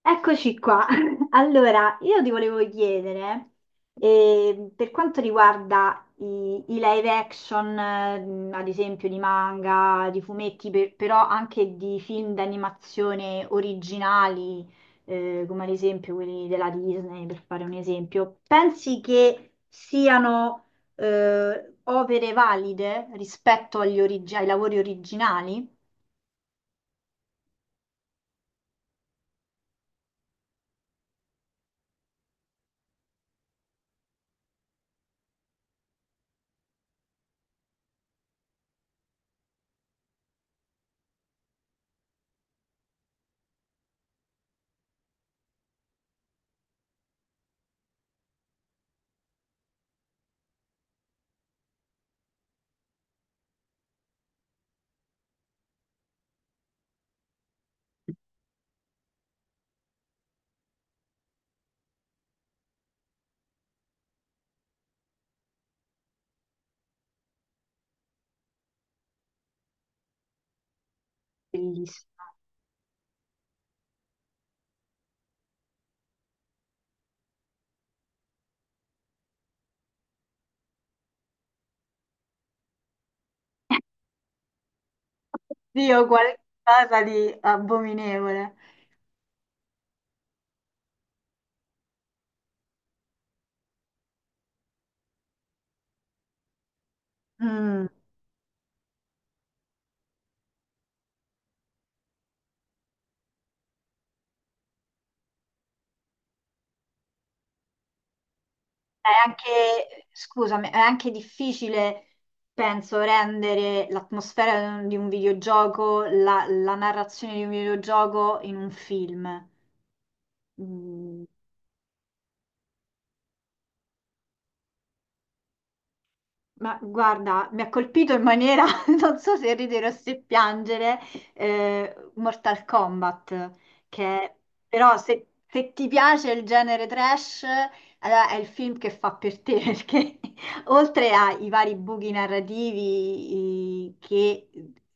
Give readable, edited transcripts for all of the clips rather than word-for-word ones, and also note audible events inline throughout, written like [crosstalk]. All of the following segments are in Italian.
Eccoci qua. [laughs] Allora, io ti volevo chiedere, per quanto riguarda i live action, ad esempio di manga, di fumetti, però anche di film d'animazione originali, come ad esempio quelli della Disney, per fare un esempio, pensi che siano, opere valide rispetto ai lavori originali? Bellissimo. [laughs] Dio, qualcosa di abominevole. Mm. È anche, scusami, è anche difficile, penso, rendere l'atmosfera di un videogioco, la narrazione di un videogioco in un film. Mm, ma guarda, mi ha colpito in maniera, [laughs] non so se ridere o se piangere, Mortal Kombat, che però se ti piace il genere trash, allora è il film che fa per te, [laughs] perché oltre ai vari buchi narrativi che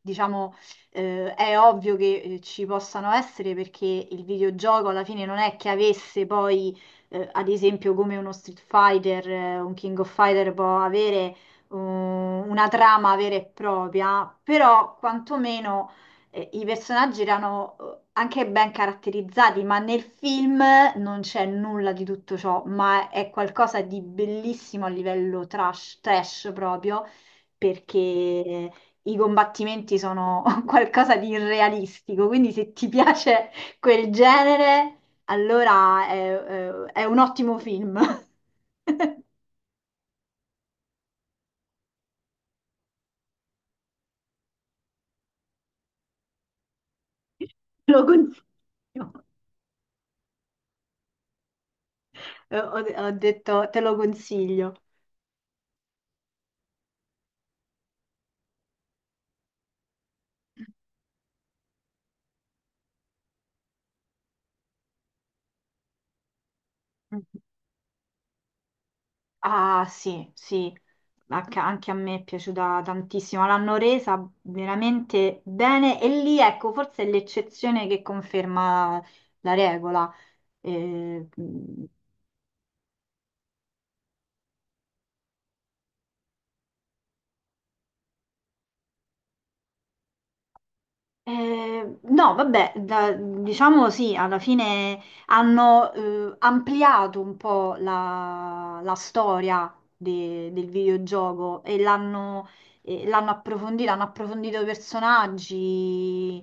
diciamo è ovvio che ci possano essere, perché il videogioco alla fine non è che avesse poi ad esempio come uno Street Fighter, un King of Fighter può avere una trama vera e propria, però quantomeno i personaggi erano anche ben caratterizzati, ma nel film non c'è nulla di tutto ciò, ma è qualcosa di bellissimo a livello trash, trash proprio, perché i combattimenti sono [laughs] qualcosa di irrealistico, quindi se ti piace quel genere, allora è un ottimo film. [laughs] Lo consiglio. Eh, Ho, Ho detto, te lo consiglio. Ah, sì, sì, anche a me è piaciuta tantissimo. L'hanno resa veramente bene e lì, ecco, forse è l'eccezione che conferma la regola. Eh, no, vabbè, diciamo sì, alla fine hanno ampliato un po' la storia del videogioco e l'hanno approfondita, hanno approfondito i personaggi.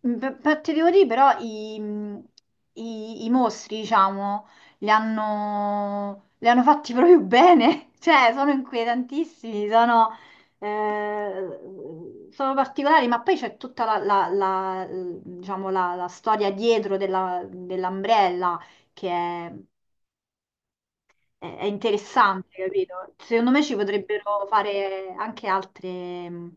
Beh, beh, ti devo dire però i mostri, diciamo, li hanno fatti proprio bene, [laughs] cioè sono inquietantissimi, sono particolari, ma poi c'è tutta diciamo, la storia dietro dell'Umbrella che è interessante, capito? Secondo me ci potrebbero fare anche altre.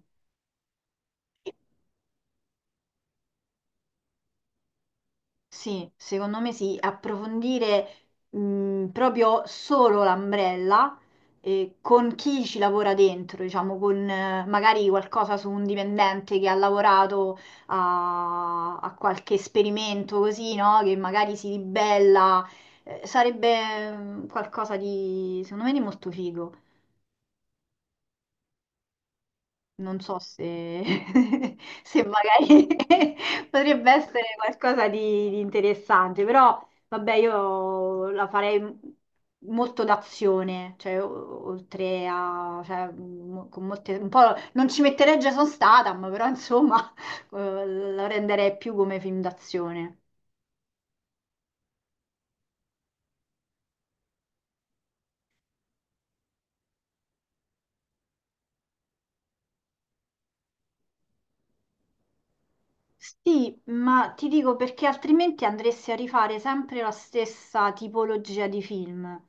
Sì, secondo me sì, approfondire proprio solo l'ombrella con chi ci lavora dentro, diciamo, con magari qualcosa su un dipendente che ha lavorato a qualche esperimento così, no? Che magari si ribella, sarebbe mm, qualcosa di, secondo me, di molto figo. Non so se, [laughs] se magari [laughs] potrebbe essere qualcosa di interessante, però vabbè, io la farei molto d'azione, cioè oltre a, cioè, con molte, un po', non ci metterei Jason Statham, però insomma [laughs] eh, la renderei più come film d'azione. Sì, ma ti dico perché altrimenti andresti a rifare sempre la stessa tipologia di film.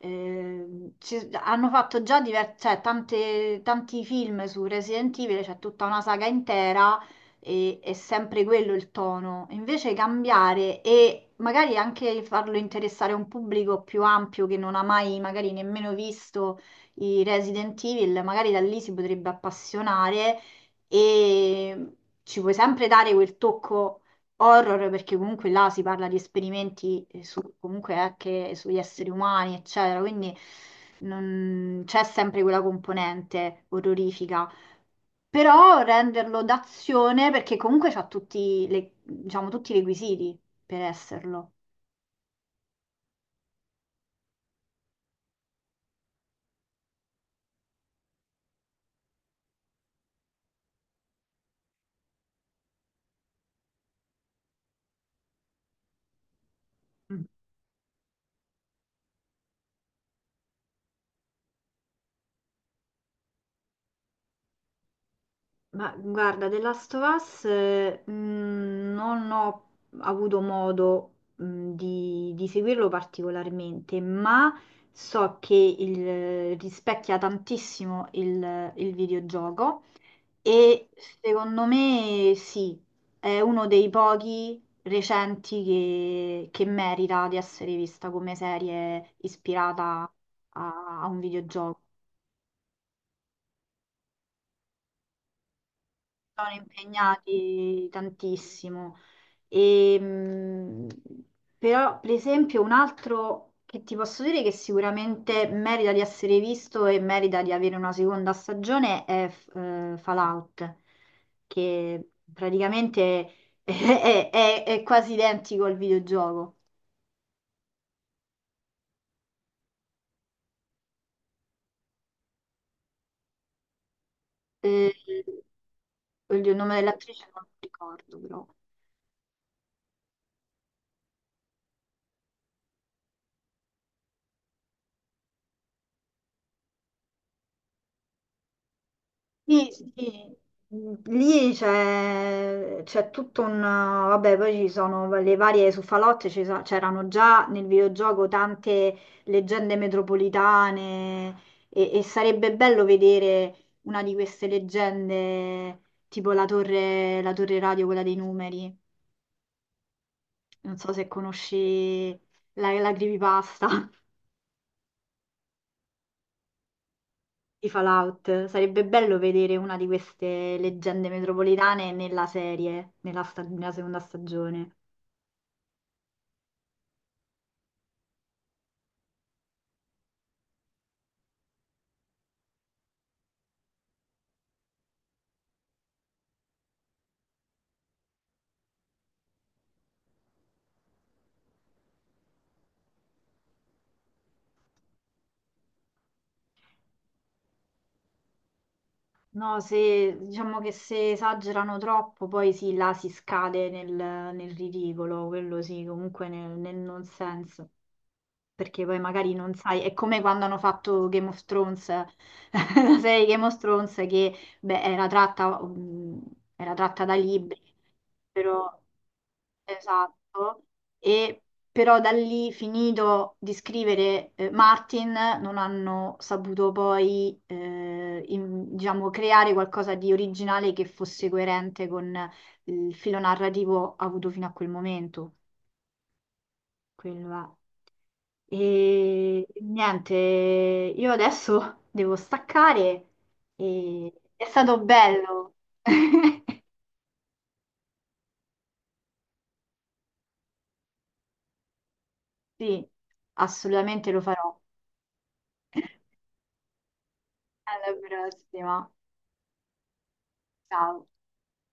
Hanno fatto già cioè, tanti film su Resident Evil, c'è tutta una saga intera e è sempre quello il tono. Invece cambiare e magari anche farlo interessare a un pubblico più ampio che non ha mai magari nemmeno visto i Resident Evil, magari da lì si potrebbe appassionare e ci puoi sempre dare quel tocco horror perché comunque là si parla di esperimenti comunque anche sugli esseri umani, eccetera, quindi c'è sempre quella componente orrorifica. Però renderlo d'azione perché comunque c'ha tutti, diciamo, tutti i requisiti per esserlo. Ma guarda, The Last of Us non ho avuto modo di seguirlo particolarmente, ma so che rispecchia tantissimo il videogioco e secondo me sì, è uno dei pochi recenti che merita di essere vista come serie ispirata a un videogioco. Sono impegnati tantissimo. E, però, per esempio, un altro che ti posso dire che sicuramente merita di essere visto e merita di avere una seconda stagione è Fallout, che praticamente [laughs] è quasi identico al videogioco. Eh, oddio, il nome dell'attrice non lo ricordo, però. Sì, sì, lì c'è tutto un... Vabbè, poi ci sono le varie su Falotte, c'erano già nel videogioco tante leggende metropolitane e sarebbe bello vedere una di queste leggende, tipo la torre radio, quella dei numeri. Non so se conosci la creepypasta di Fallout. Sarebbe bello vedere una di queste leggende metropolitane nella serie, nella seconda stagione. No, se diciamo che se esagerano troppo, poi sì, là si scade nel ridicolo, quello sì, comunque nel non senso. Perché poi magari non sai, è come quando hanno fatto Game of Thrones, [laughs] la serie Game of Thrones che beh, era tratta da libri, però esatto, e però da lì finito di scrivere Martin non hanno saputo poi diciamo, creare qualcosa di originale che fosse coerente con il filo narrativo avuto fino a quel momento. Quello è. E niente, io adesso [laughs] devo staccare e è stato bello. [laughs] Sì, assolutamente lo farò. Alla prossima. Ciao.